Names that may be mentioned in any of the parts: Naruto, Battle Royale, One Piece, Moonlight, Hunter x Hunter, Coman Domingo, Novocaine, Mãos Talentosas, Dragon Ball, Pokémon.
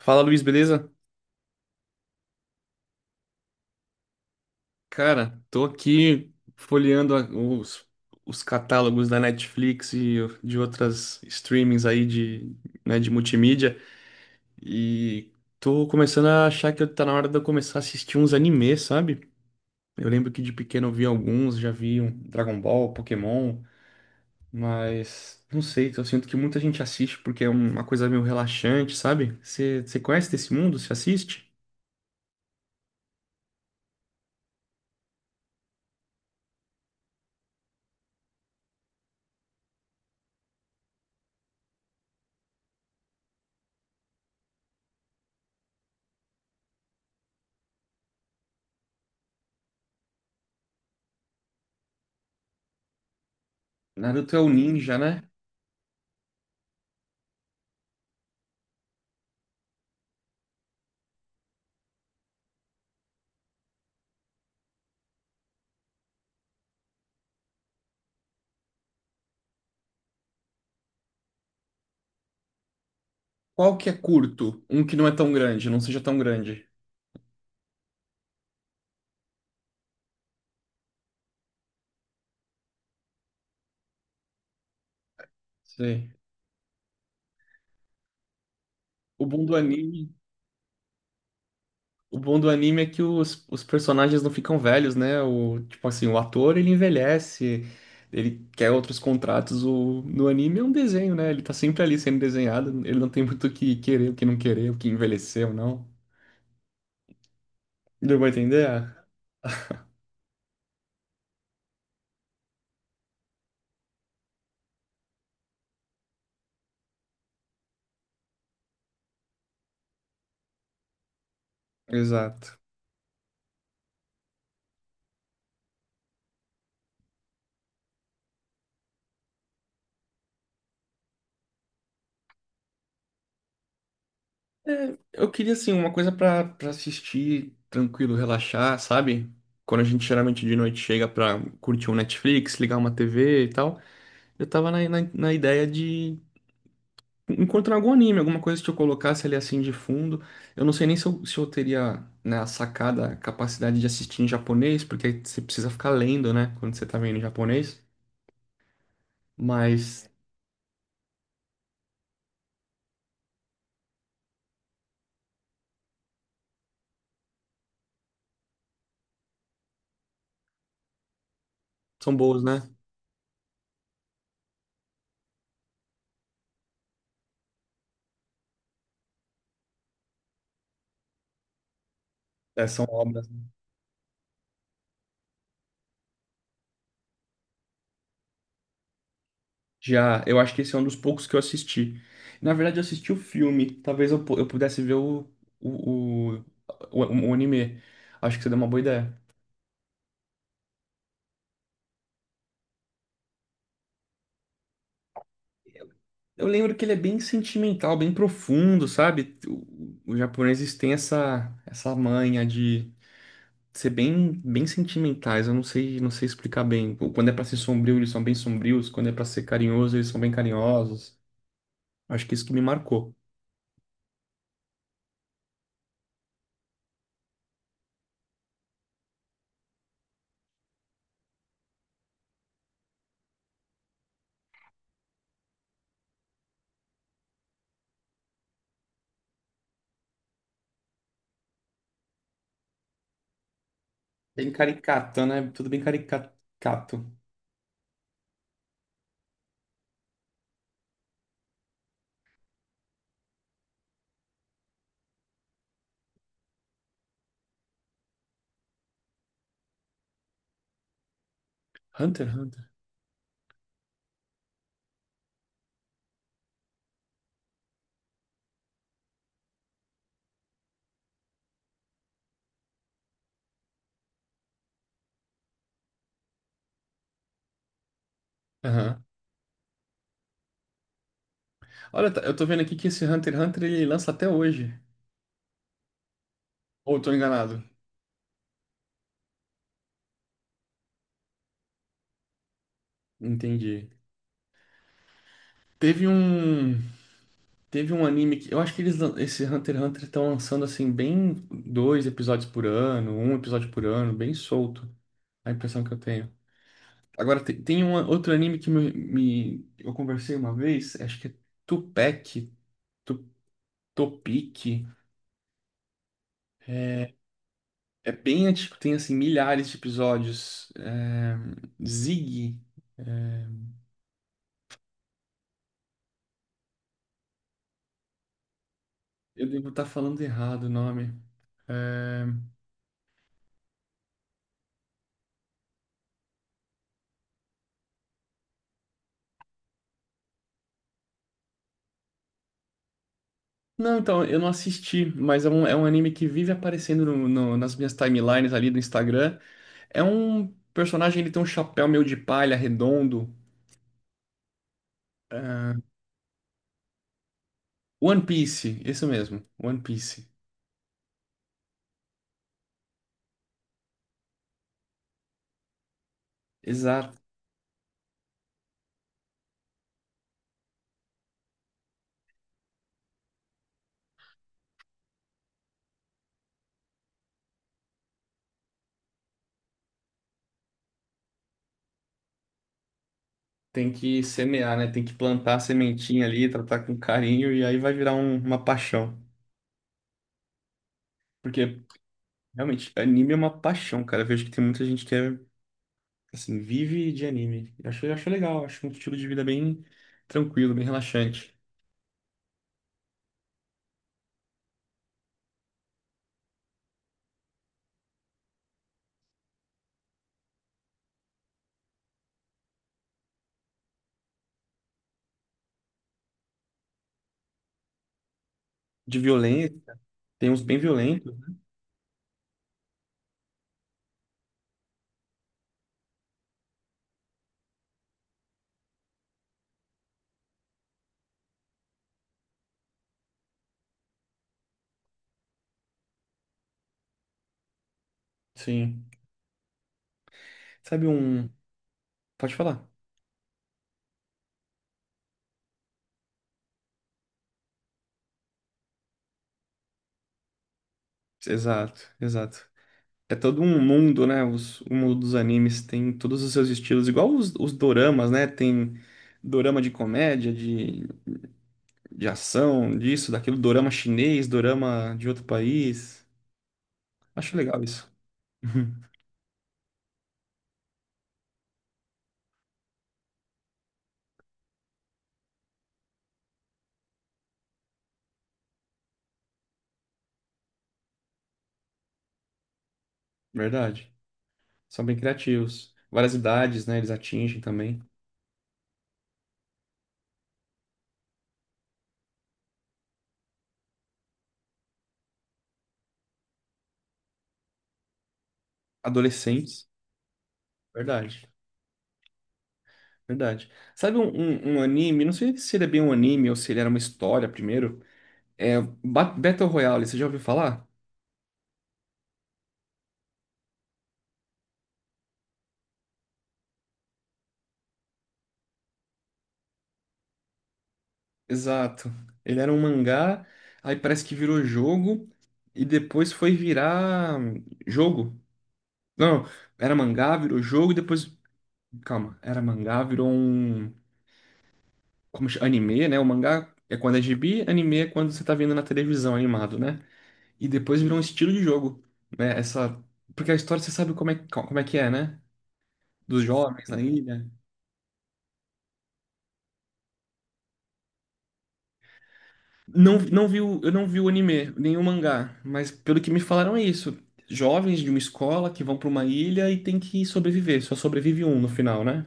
Fala, Luiz, beleza? Cara, tô aqui folheando os catálogos da Netflix e de outras streamings aí de, né, de multimídia e tô começando a achar que tá na hora de eu começar a assistir uns animes, sabe? Eu lembro que de pequeno eu vi alguns, já vi um Dragon Ball, Pokémon, mas não sei, eu sinto que muita gente assiste porque é uma coisa meio relaxante, sabe? Você conhece desse mundo? Você assiste? Naruto é o ninja, né? Qual que é curto? Um que não é tão grande, não seja tão grande. Sei. O bom do anime, o bom do anime é que os personagens não ficam velhos, né? O, tipo assim, o ator ele envelhece, ele quer outros contratos. O, no anime é um desenho, né? Ele tá sempre ali sendo desenhado, ele não tem muito o que querer, o que não querer, o que envelheceu, não. Deu pra entender? Exato. Eu queria, assim, uma coisa pra assistir tranquilo, relaxar, sabe? Quando a gente geralmente de noite chega pra curtir um Netflix, ligar uma TV e tal, eu tava na ideia de encontrar algum anime, alguma coisa que eu colocasse ali assim de fundo. Eu não sei nem se eu teria, né, a sacada, a capacidade de assistir em japonês, porque aí você precisa ficar lendo, né, quando você tá vendo em japonês, mas são boas, né? É, são obras. Já, eu acho que esse é um dos poucos que eu assisti. Na verdade, eu assisti o filme. Talvez eu, eu pudesse ver o, o, o anime. Acho que você deu uma boa ideia. Eu lembro que ele é bem sentimental, bem profundo, sabe? Os japoneses têm essa manha de ser bem, bem sentimentais. Eu não sei, não sei explicar bem. Quando é pra ser sombrio, eles são bem sombrios. Quando é pra ser carinhoso, eles são bem carinhosos. Acho que isso que me marcou. Bem caricato, né? Tudo bem caricato. Hunter x Hunter. Aham. Olha, eu tô vendo aqui que esse Hunter x Hunter ele lança até hoje. Ou eu tô enganado? Entendi. Teve um, teve um anime que eu acho que esse Hunter x Hunter estão lançando assim bem dois episódios por ano, um episódio por ano, bem solto. A impressão que eu tenho. Agora tem, um outro anime que eu conversei uma vez, acho que é Tupac, Tu- Topic. É bem antigo, tem assim milhares de episódios. É, Zig, eu devo estar falando errado o nome. É, não, então, eu não assisti, mas é um anime que vive aparecendo nas minhas timelines ali do Instagram. É um personagem, ele tem um chapéu meio de palha, redondo. É, One Piece, isso mesmo, One Piece. Exato. Tem que semear, né? Tem que plantar a sementinha ali, tratar com carinho, e aí vai virar uma paixão. Porque, realmente, anime é uma paixão, cara. Eu vejo que tem muita gente que é, assim, vive de anime. Eu acho legal, acho um estilo de vida bem tranquilo, bem relaxante. De violência. Tem uns bem violentos. Né? Sim. Sabe um. Pode falar. Exato, exato. É todo um mundo, né? Os, o mundo dos animes tem todos os seus estilos, igual os doramas, né? Tem dorama de comédia, de ação, disso, daquilo, dorama chinês, dorama de outro país. Acho legal isso. Verdade. São bem criativos. Várias idades, né? Eles atingem também. Adolescentes. Verdade. Verdade. Sabe um anime? Não sei se ele é bem um anime ou se ele era uma história primeiro. É Battle Royale, você já ouviu falar? Exato. Ele era um mangá, aí parece que virou jogo e depois foi virar jogo. Não, era mangá, virou jogo e depois. Calma, era mangá, virou um. Como chama? Anime, né? O mangá é quando é gibi, anime é quando você tá vendo na televisão animado, né? E depois virou um estilo de jogo, né? Essa. Porque a história você sabe como é que é, né? Dos jovens na ilha. Não, eu não vi o anime, nem o mangá, mas pelo que me falaram é isso. Jovens de uma escola que vão para uma ilha e tem que sobreviver, só sobrevive um no final, né?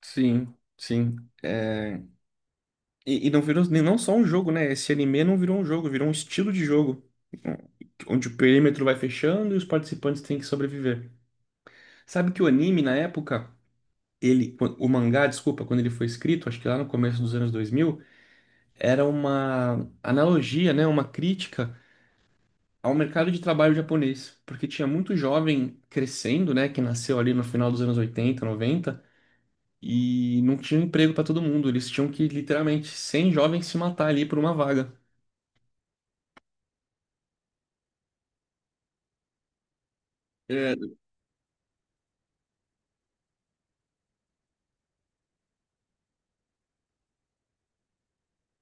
Sim, sim. É, e não virou não só um jogo, né? Esse anime não virou um jogo, virou um estilo de jogo. Onde o perímetro vai fechando e os participantes têm que sobreviver. Sabe que o anime, na época, ele, o mangá, desculpa, quando ele foi escrito, acho que lá no começo dos anos 2000 era uma analogia, né, uma crítica ao mercado de trabalho japonês, porque tinha muito jovem crescendo, né, que nasceu ali no final dos anos 80, 90 e não tinha emprego para todo mundo, eles tinham que literalmente 100 jovens se matar ali por uma vaga. É,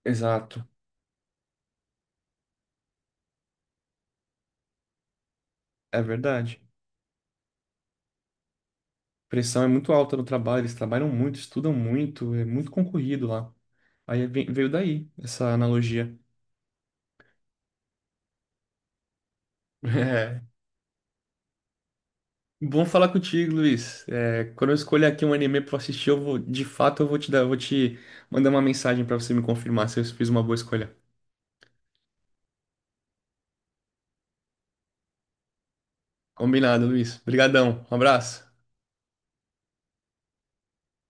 exato, é verdade. A pressão é muito alta no trabalho, eles trabalham muito, estudam muito, é muito concorrido lá. Veio daí essa analogia. Bom falar contigo, Luiz. É, quando eu escolher aqui um anime pra assistir, eu vou, de fato, eu vou te mandar uma mensagem pra você me confirmar se eu fiz uma boa escolha. Combinado, Luiz. Obrigadão. Um abraço.